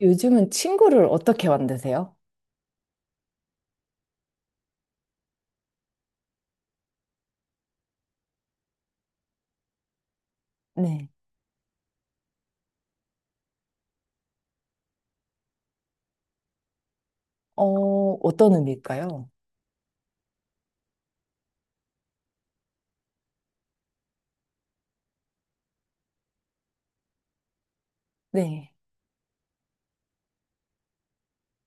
요즘은 친구를 어떻게 만드세요? 네, 어, 어떤 의미일까요? 네,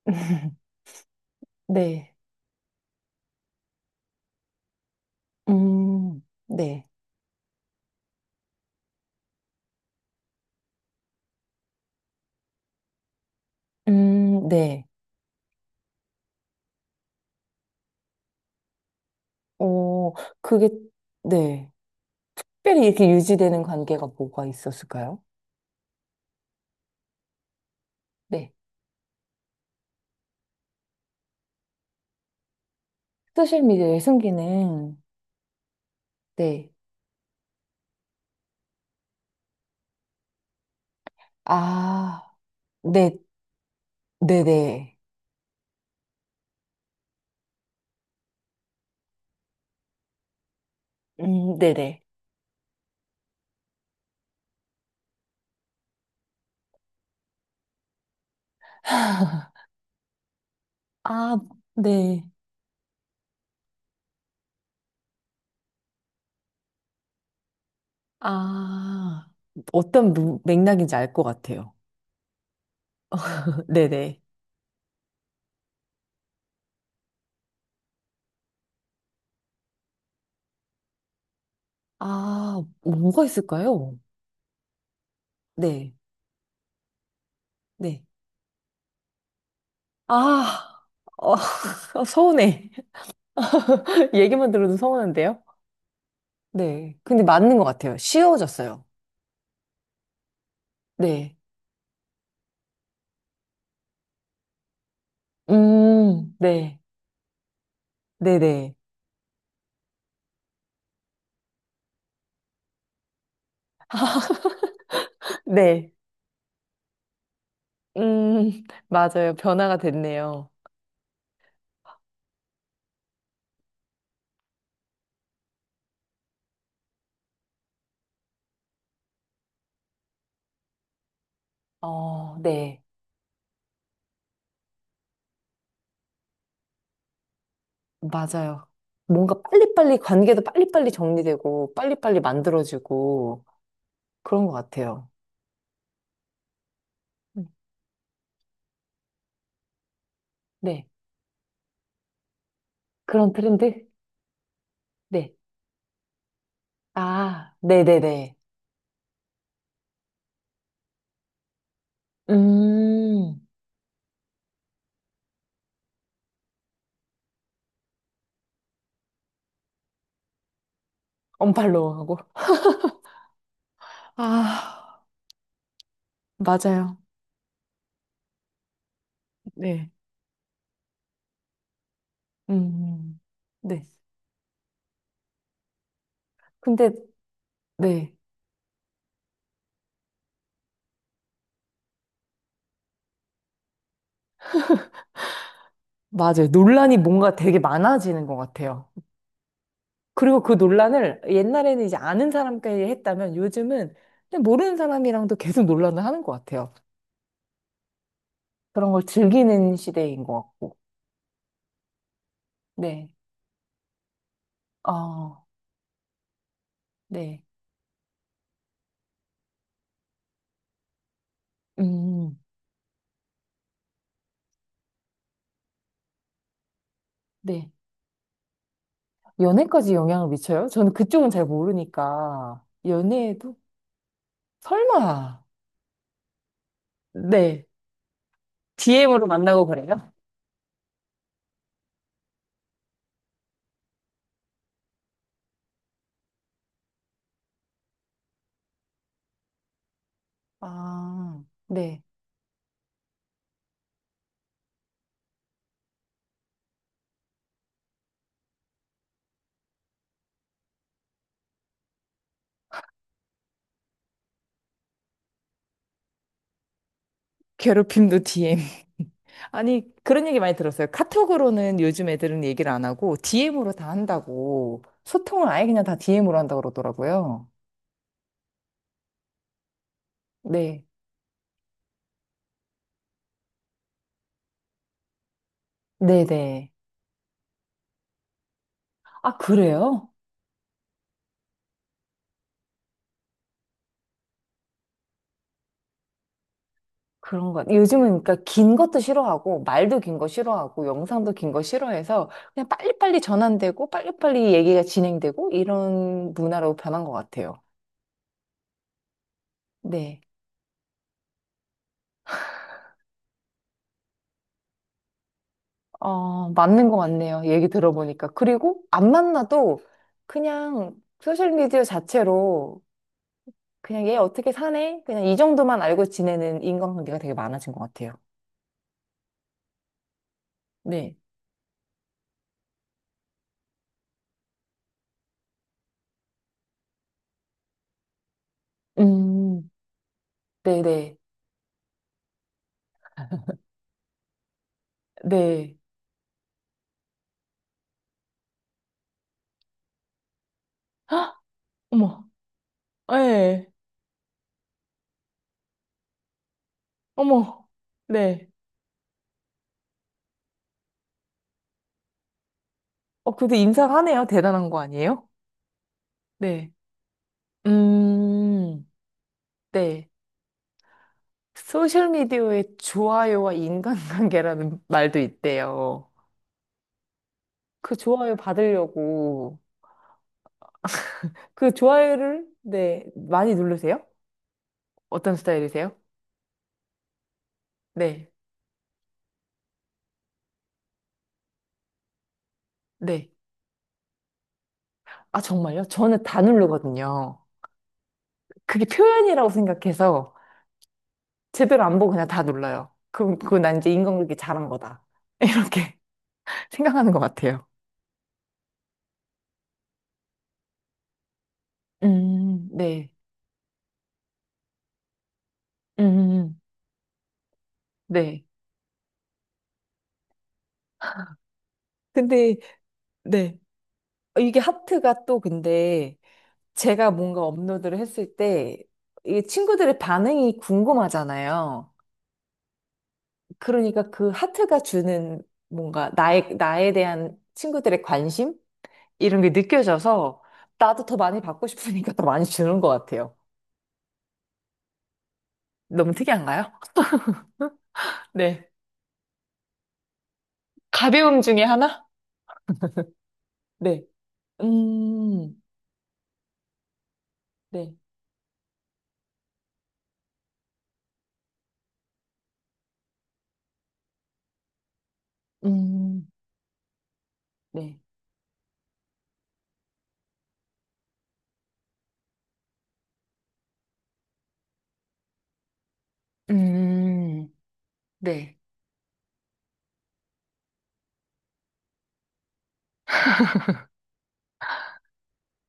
네, 음, 네, 네. 어, 그게, 네. 특별히 이렇게 유지되는 관계가 뭐가 있었을까요? 네. 소셜미디어의 순기능, 네. 아, 네, 네네. 네네. 아, 네. 아, 어떤 맥락인지 알 것 같아요. 네네. 아, 뭐가 있을까요? 네, 네. 아, 어, 서운해. 얘기만 들어도 서운한데요? 네. 근데 맞는 것 같아요. 쉬워졌어요. 네. 네. 네네. 네. 맞아요. 변화가 됐네요. 어, 네. 맞아요. 뭔가 빨리빨리, 관계도 빨리빨리 정리되고, 빨리빨리 만들어지고, 그런 것 같아요. 음, 네. 그런 트렌드? 네. 아, 네네네. 음, 언팔로우 하고. 아, 맞아요. 네. 음, 네. 근데, 네. 맞아요. 논란이 뭔가 되게 많아지는 것 같아요. 그리고 그 논란을 옛날에는 이제 아는 사람끼리 했다면 요즘은 그냥 모르는 사람이랑도 계속 논란을 하는 것 같아요. 그런 걸 즐기는 시대인 것 같고. 네. 아, 네. 음, 네. 연애까지 영향을 미쳐요? 저는 그쪽은 잘 모르니까. 연애에도? 설마. 네. DM으로 만나고 그래요? 아, 네. 괴롭힘도 DM. 아니, 그런 얘기 많이 들었어요. 카톡으로는 요즘 애들은 얘기를 안 하고, DM으로 다 한다고. 소통을 아예 그냥 다 DM으로 한다고 그러더라고요. 네. 네네. 아, 그래요? 그런 것요 요즘은 그러니까 긴 것도 싫어하고, 말도 긴 거 싫어하고, 영상도 긴 거 싫어해서, 그냥 빨리빨리 전환되고, 빨리빨리 얘기가 진행되고, 이런 문화로 변한 것 같아요. 네. 어, 맞는 것 같네요. 얘기 들어보니까. 그리고 안 만나도 그냥 소셜미디어 자체로 그냥 얘 어떻게 사네? 그냥 이 정도만 알고 지내는 인간관계가 되게 많아진 것 같아요. 네. 음, 네네. 네. 헉, 어머. 네. 어머. 네. 어, 그래도 인사하네요. 대단한 거 아니에요? 네. 음, 네. 소셜미디어에 좋아요와 인간관계라는 말도 있대요. 그 좋아요 받으려고. 그 좋아요를 네 많이 누르세요? 어떤 스타일이세요? 네, 네. 아 정말요? 저는 다 누르거든요. 그게 표현이라고 생각해서 제대로 안 보고 그냥 다 눌러요. 그럼 그건 난 이제 인간극이 잘한 거다 이렇게 생각하는 것 같아요. 네, 음, 네, 근데 네 어, 이게 하트가 또 근데 제가 뭔가 업로드를 했을 때 이게 친구들의 반응이 궁금하잖아요. 그러니까 그 하트가 주는 뭔가 나에 대한 친구들의 관심? 이런 게 느껴져서 나도 더 많이 받고 싶으니까 더 많이 주는 것 같아요. 너무 특이한가요? 네. 가벼움 중에 하나? 네. 음, 네. 음, 네. 음, 네.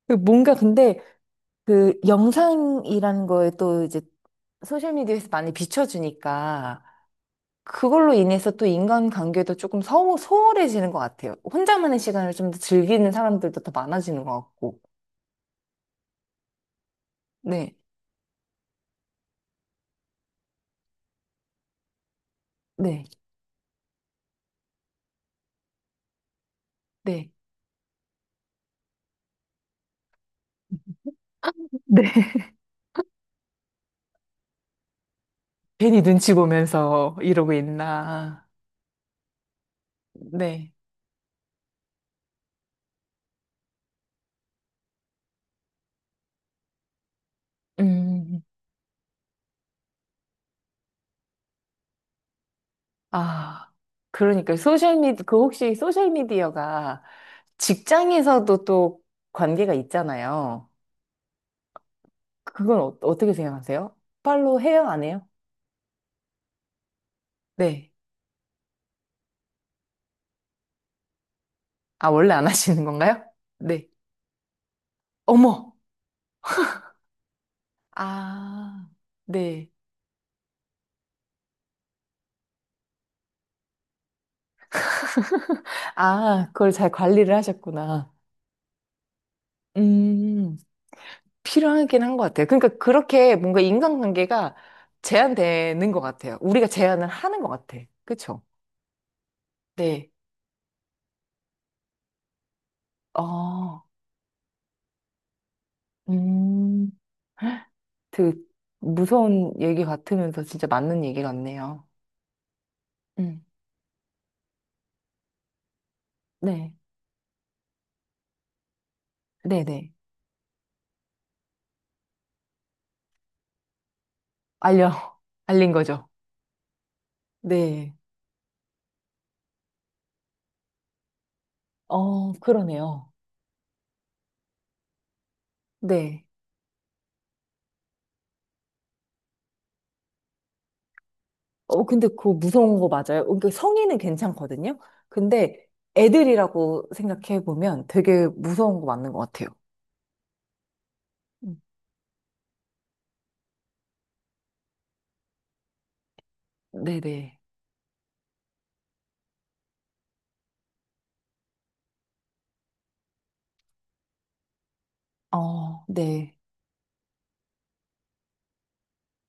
그 뭔가 근데 그 영상이라는 거에 또 이제 소셜미디어에서 많이 비춰주니까 그걸로 인해서 또 인간관계도 조금 소홀해지는 것 같아요. 혼자만의 시간을 좀 더 즐기는 사람들도 더 많아지는 것 같고. 네, 네, 네. 네. 괜히 눈치 보면서 이러고 있나. 네. 음, 아, 그러니까 소셜미디, 그 혹시 소셜미디어가 직장에서도 또 관계가 있잖아요. 그건 어, 어떻게 생각하세요? 팔로우 해요? 안 해요? 네. 아, 원래 안 하시는 건가요? 네. 어머! 아, 네. 아, 그걸 잘 관리를 하셨구나. 음, 필요하긴 한 것 같아요. 그러니까 그렇게 뭔가 인간관계가 제한되는 것 같아요. 우리가 제한을 하는 것 같아. 그쵸? 네. 어, 음, 그 무서운 얘기 같으면서 진짜 맞는 얘기 같네요. 음, 네. 네네. 알려, 알린 거죠. 네. 어, 그러네요. 네. 어, 근데 그거 무서운 거 맞아요? 그러니까 성인은 괜찮거든요? 근데 애들이라고 생각해 보면 되게 무서운 거 맞는 것 같아요. 음. 네네. 어, 네.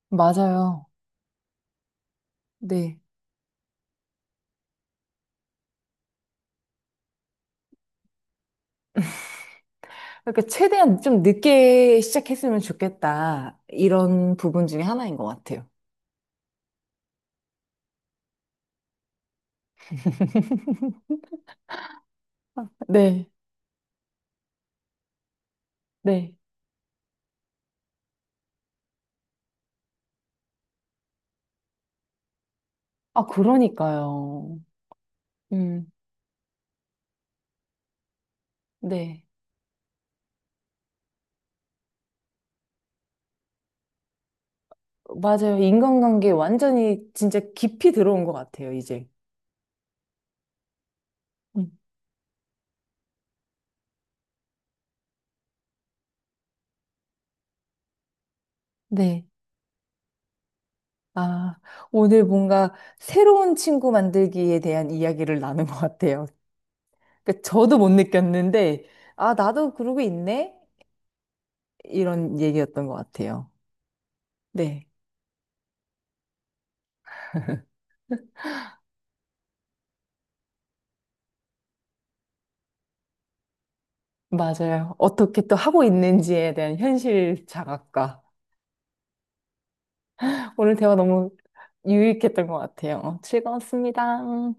맞아요. 네. 그러니까 최대한 좀 늦게 시작했으면 좋겠다. 이런 부분 중에 하나인 것 같아요. 네, 네. 아, 그러니까요. 음. 네. 맞아요. 인간관계 완전히 진짜 깊이 들어온 것 같아요, 이제. 음, 네. 아, 오늘 뭔가 새로운 친구 만들기에 대한 이야기를 나눈 것 같아요. 그러니까 저도 못 느꼈는데, 아, 나도 그러고 있네? 이런 얘기였던 것 같아요. 네, 맞아요. 어떻게 또 하고 있는지에 대한 현실 자각과. 오늘 대화 너무 유익했던 것 같아요. 즐거웠습니다.